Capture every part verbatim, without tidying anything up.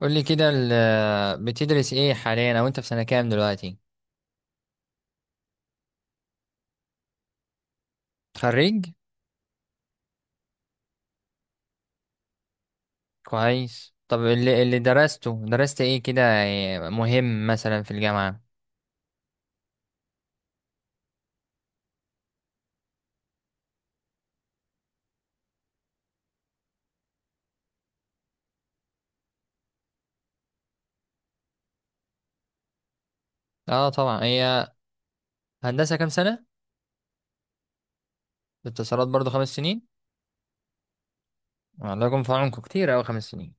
قولي كده ال- بتدرس ايه حاليا، او انت في سنة كام دلوقتي؟ خريج؟ كويس. طب اللي اللي درسته، درست ايه كده؟ مهم، مثلا في الجامعة. اه طبعا. هي هندسة كام سنة؟ اتصالات برضو خمس سنين؟ الله يكون في عونكم، كتير اوي خمس سنين.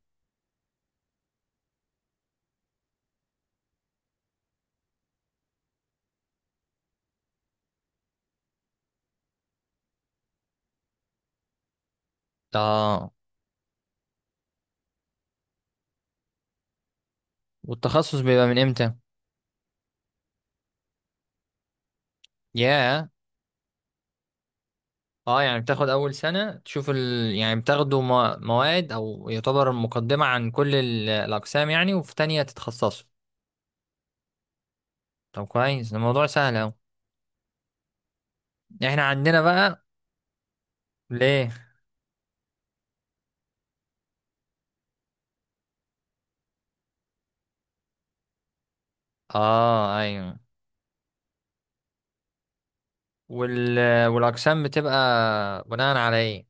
اه والتخصص بيبقى من امتى؟ ياه. اه، يعني بتاخد اول سنة تشوف ال... يعني بتاخدوا مو- مواد او يعتبر مقدمة عن كل ال- الاقسام، يعني، وفي تانية تتخصصوا. طب كويس، ده الموضوع سهل أوي. يعني احنا عندنا بقى. ليه؟ اه ايوه. وال... والاقسام بتبقى بناء على ايه؟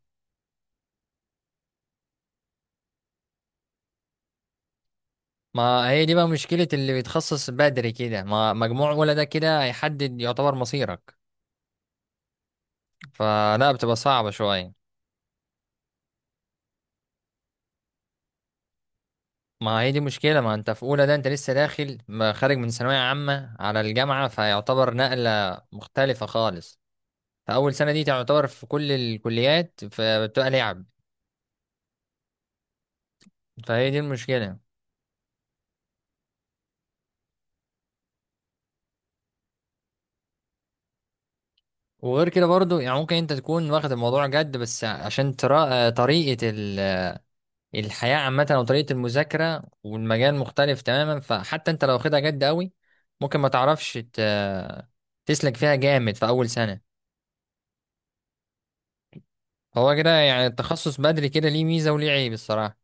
ما هي دي بقى مشكلة اللي بيتخصص بدري كده، ما مجموع ولا ده كده هيحدد يعتبر مصيرك، فلا بتبقى صعبة شوية. ما هي دي مشكلة، ما انت في اولى، ده انت لسه داخل، ما خارج من ثانوية عامة على الجامعة، فيعتبر نقلة مختلفة خالص. فأول سنة دي تعتبر في كل الكليات، فبتبقى لعب. فهي دي المشكلة. وغير كده برضو، يعني ممكن انت تكون واخد الموضوع جد، بس عشان ترى طريقة ال- الحياة عامة او طريقة المذاكرة، والمجال مختلف تماما، فحتى انت لو واخدها جد قوي، ممكن ما تعرفش ت- تسلك فيها جامد في اول سنة. هو كده، يعني التخصص بدري كده ليه ميزة وليه عيب الصراحة.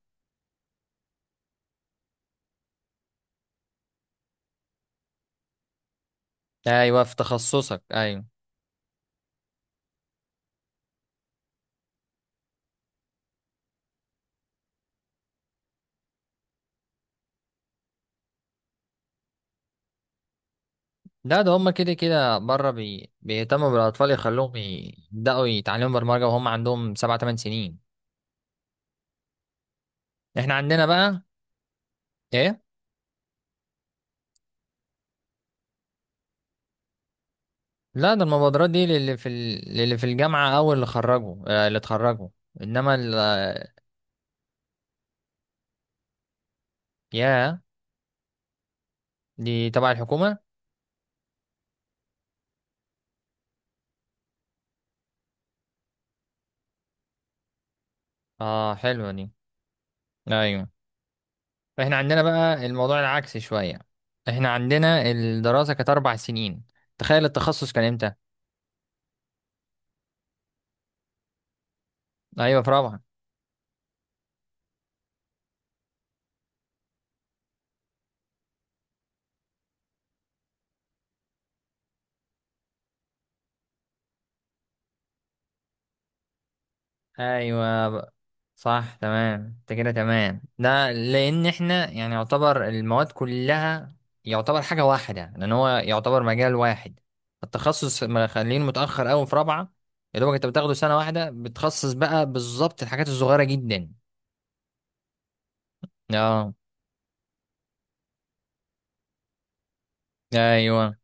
ايوه، في تخصصك ايوه. لا، ده هما كده كده بره بي... بيهتموا بالاطفال، يخلوهم ي- يبداوا يتعلموا برمجة وهم عندهم سبع تمن سنين. احنا عندنا بقى. ايه؟ لا، ده المبادرات دي للي في ال... للي في الجامعة أو اللي خرجوا، آه، اللي اتخرجوا، إنما ال... يا، دي تبع الحكومة؟ اه، حلوة دي. أيوة. احنا عندنا بقى الموضوع العكسي شوية. احنا عندنا الدراسة كانت أربع سنين. تخيل التخصص كان إمتى؟ أيوة، في رابعة. أيوة. صح، تمام، انت كده تمام، ده لان احنا يعني يعتبر المواد كلها يعتبر حاجة واحدة، لان هو يعتبر مجال واحد. التخصص مخلينه متأخر قوي في رابعة. يا دوبك انت بتاخده سنة واحدة بتخصص بقى بالظبط الحاجات الصغيرة جدا. اه. ايوه.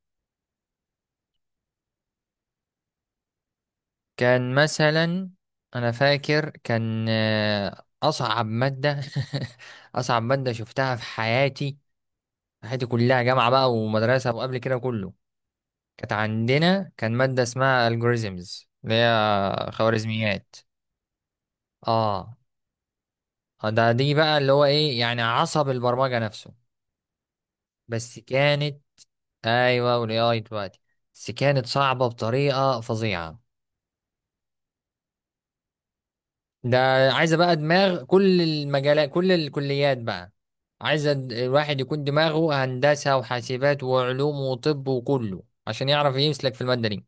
كان مثلا، انا فاكر كان آه، اصعب مادة. اصعب مادة شفتها في حياتي، حياتي كلها جامعة بقى ومدرسة وقبل كده كله. كانت عندنا، كان مادة اسمها الجوريذمز، اللي هي خوارزميات. اه. آه، ده دي بقى اللي هو ايه، يعني عصب البرمجة نفسه. بس كانت، ايوه، والاي اي دلوقتي، بس كانت صعبة بطريقة فظيعة. ده. عايزة بقى دماغ كل المجالات كل الكليات بقى. عايزة د- الواحد يكون دماغه هندسة وحاسبات وعلوم وطب وكله عشان يعرف يمسلك في المادة دي.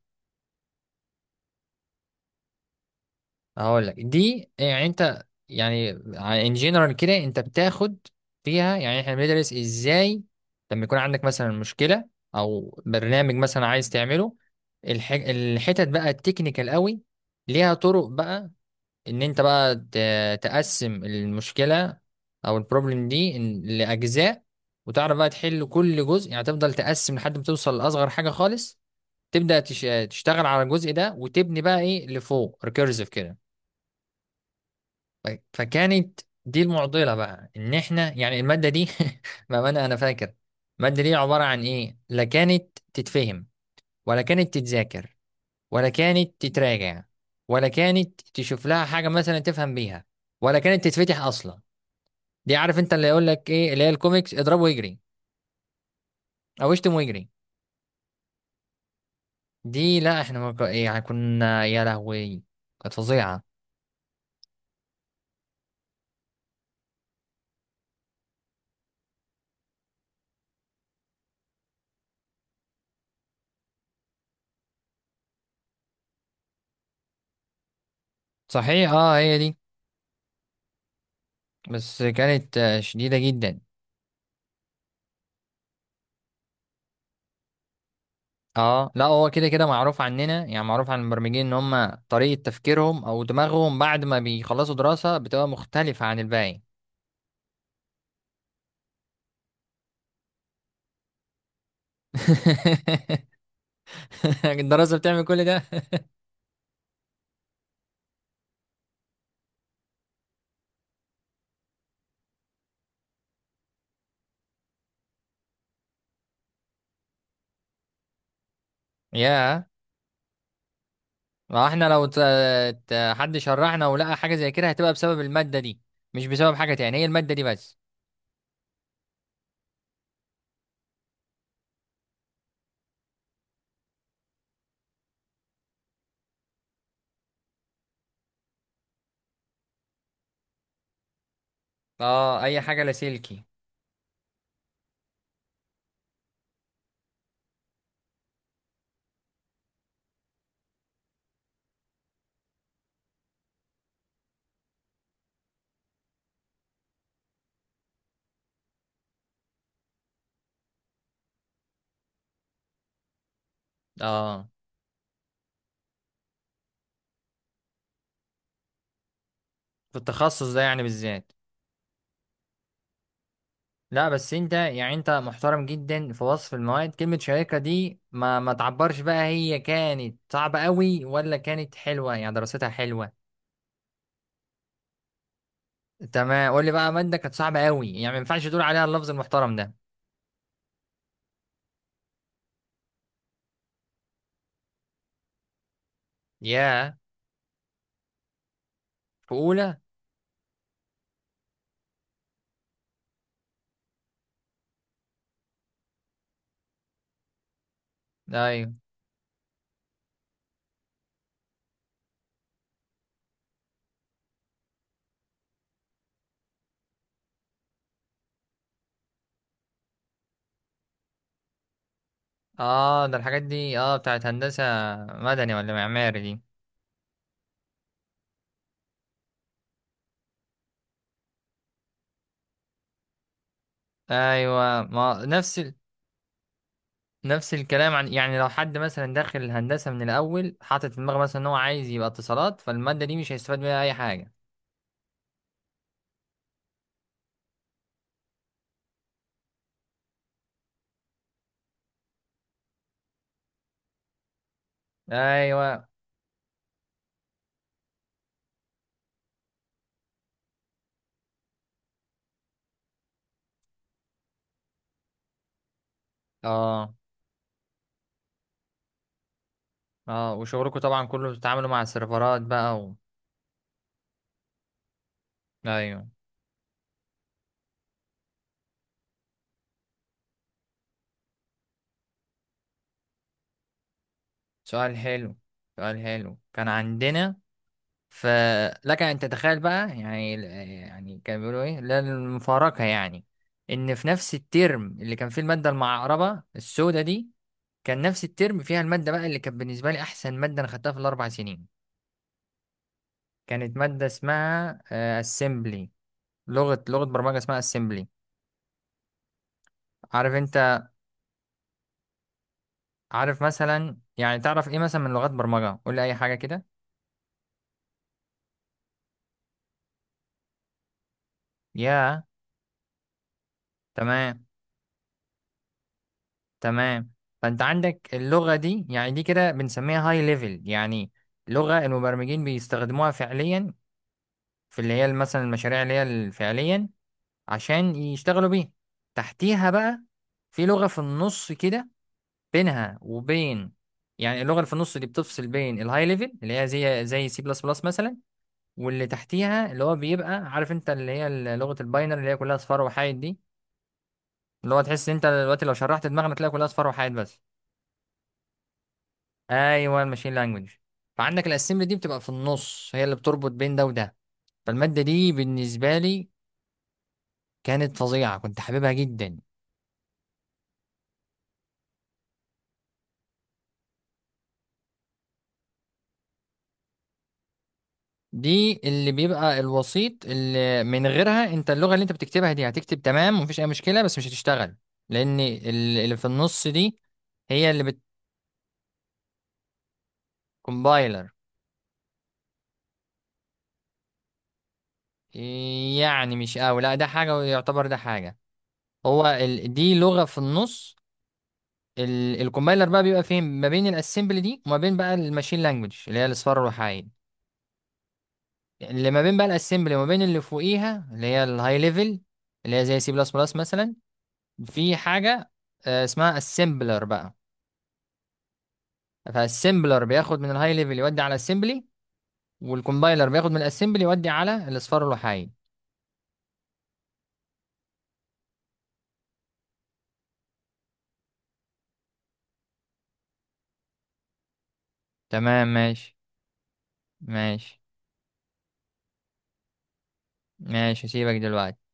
هقول لك، دي يعني، انت يعني، ان جنرال كده انت بتاخد فيها. يعني احنا بندرس ازاي لما يكون عندك مثلا مشكله، او برنامج مثلا عايز تعمله. الح... الحتت بقى التكنيكال قوي ليها طرق بقى. ان انت بقى ت- تقسم المشكله او البروبلم دي ان- لاجزاء، وتعرف بقى تحل كل جزء، يعني تفضل تقسم لحد ما توصل لاصغر حاجه خالص، تبدا تش... تشتغل على الجزء ده وتبني بقى ايه لفوق، ريكيرسيف كده. ف- فكانت دي المعضلة بقى، ان احنا يعني المادة دي، بأمانة انا فاكر المادة دي عبارة عن ايه، لا كانت تتفهم ولا كانت تتذاكر ولا كانت تتراجع ولا كانت تشوف لها حاجة مثلا تفهم بيها ولا كانت تتفتح اصلا. دي عارف انت اللي يقول لك ايه اللي هي الكوميكس، اضربه ويجري او اشتم ويجري. دي لا، احنا ما ك- يعني كنا يا لهوي، كانت فظيعة. صحيح، اه، هي دي. بس كانت آه، شديدة جدا. اه لا، هو كده كده معروف عننا، يعني معروف عن المبرمجين ان هم طريقة تفكيرهم او دماغهم بعد ما بيخلصوا دراسة بتبقى مختلفة عن الباقي. الدراسة بتعمل كل ده. يا، ما احنا لو ت- ت- حد شرحنا ولقى حاجة زي كده هتبقى بسبب المادة دي، مش بسبب حاجة تاني، هي المادة دي بس. اه، اي حاجة لاسلكي. اه، في التخصص ده يعني بالذات. لا بس انت، يعني انت محترم جدا في وصف المواد، كلمة شيقة دي ما ما تعبرش بقى، هي كانت صعبة قوي ولا كانت حلوة يعني دراستها حلوة؟ تمام، قول لي بقى مادة كانت صعبة قوي، يعني ما ينفعش تقول عليها اللفظ المحترم ده. ياه. في اولى؟ ايوه. اه، ده الحاجات دي اه بتاعت هندسة مدني ولا معماري دي؟ ايوه، ما نفس ال... نفس الكلام، عن يعني لو حد مثلا داخل الهندسة من الاول حاطط في دماغه مثلا ان هو عايز يبقى اتصالات، فالمادة دي مش هيستفاد منها اي حاجة. ايوه. اه. اه، وشغلكم طبعا كله بتتعاملوا مع السيرفرات بقى و... ايوه. سؤال حلو. سؤال حلو. كان عندنا، فلك ان تتخيل بقى يعني، يعني كانوا بيقولوا ايه، لا المفارقه يعني، ان في نفس الترم اللي كان فيه الماده المعقربه السوداء دي، كان نفس الترم فيها الماده بقى اللي كانت بالنسبه لي احسن ماده انا خدتها في الاربع سنين. كانت ماده اسمها اسمبلي. لغه لغه برمجه اسمها اسمبلي. عارف انت. عارف مثلا، يعني تعرف ايه مثلا من لغات برمجة، قول لي اي حاجة كده. يا. تمام. تمام. فانت عندك اللغة دي، يعني دي كده بنسميها هاي ليفل، يعني لغة المبرمجين بيستخدموها فعليا في اللي هي مثلا المشاريع اللي هي ال- فعليا عشان يشتغلوا بيها. تحتيها بقى، في لغة في النص كده بينها وبين، يعني اللغة اللي في النص دي بتفصل بين الهاي ليفل اللي هي زي زي سي بلس بلس مثلا، واللي تحتيها اللي هو بيبقى عارف انت، اللي هي ال- لغة الباينر اللي هي كلها اصفار وحايد دي. اللي هو تحس انت دلوقتي لو شرحت دماغنا تلاقي كلها اصفار وحايد بس. ايوه، الماشين لانجوج. فعندك الاسمبلي دي بتبقى في النص هي اللي بتربط بين ده وده. فالمادة دي بالنسبة لي كانت فظيعة، كنت حاببها جدا. دي اللي بيبقى الوسيط، اللي من غيرها انت اللغة اللي انت بتكتبها دي هتكتب تمام ومفيش اي مشكلة بس مش هتشتغل، لان ال- اللي في النص دي هي اللي بتكمبايلر. يعني مش قوي، لا ده حاجة ويعتبر ده حاجة. هو ال... دي لغة في النص. ال... الكومبايلر بقى بيبقى فين ما بين الاسمبلي دي وما بين بقى الماشين لانجوج اللي هي الاصفار الوحايد. اللي ما بين بقى الاسمبلي وما بين اللي فوقيها اللي هي الهاي ليفل، اللي هي زي سي بلس بلس مثلا، في حاجة آه، اسمها اسمبلر بقى. فالاسمبلر بياخد من الهاي ليفل يودي على الاسمبلي، والكومبايلر بياخد من الاسمبلي يودي على الاصفار الوحايد. تمام، ماشي. ماشي. ماشي، هسيبك دلوقتي.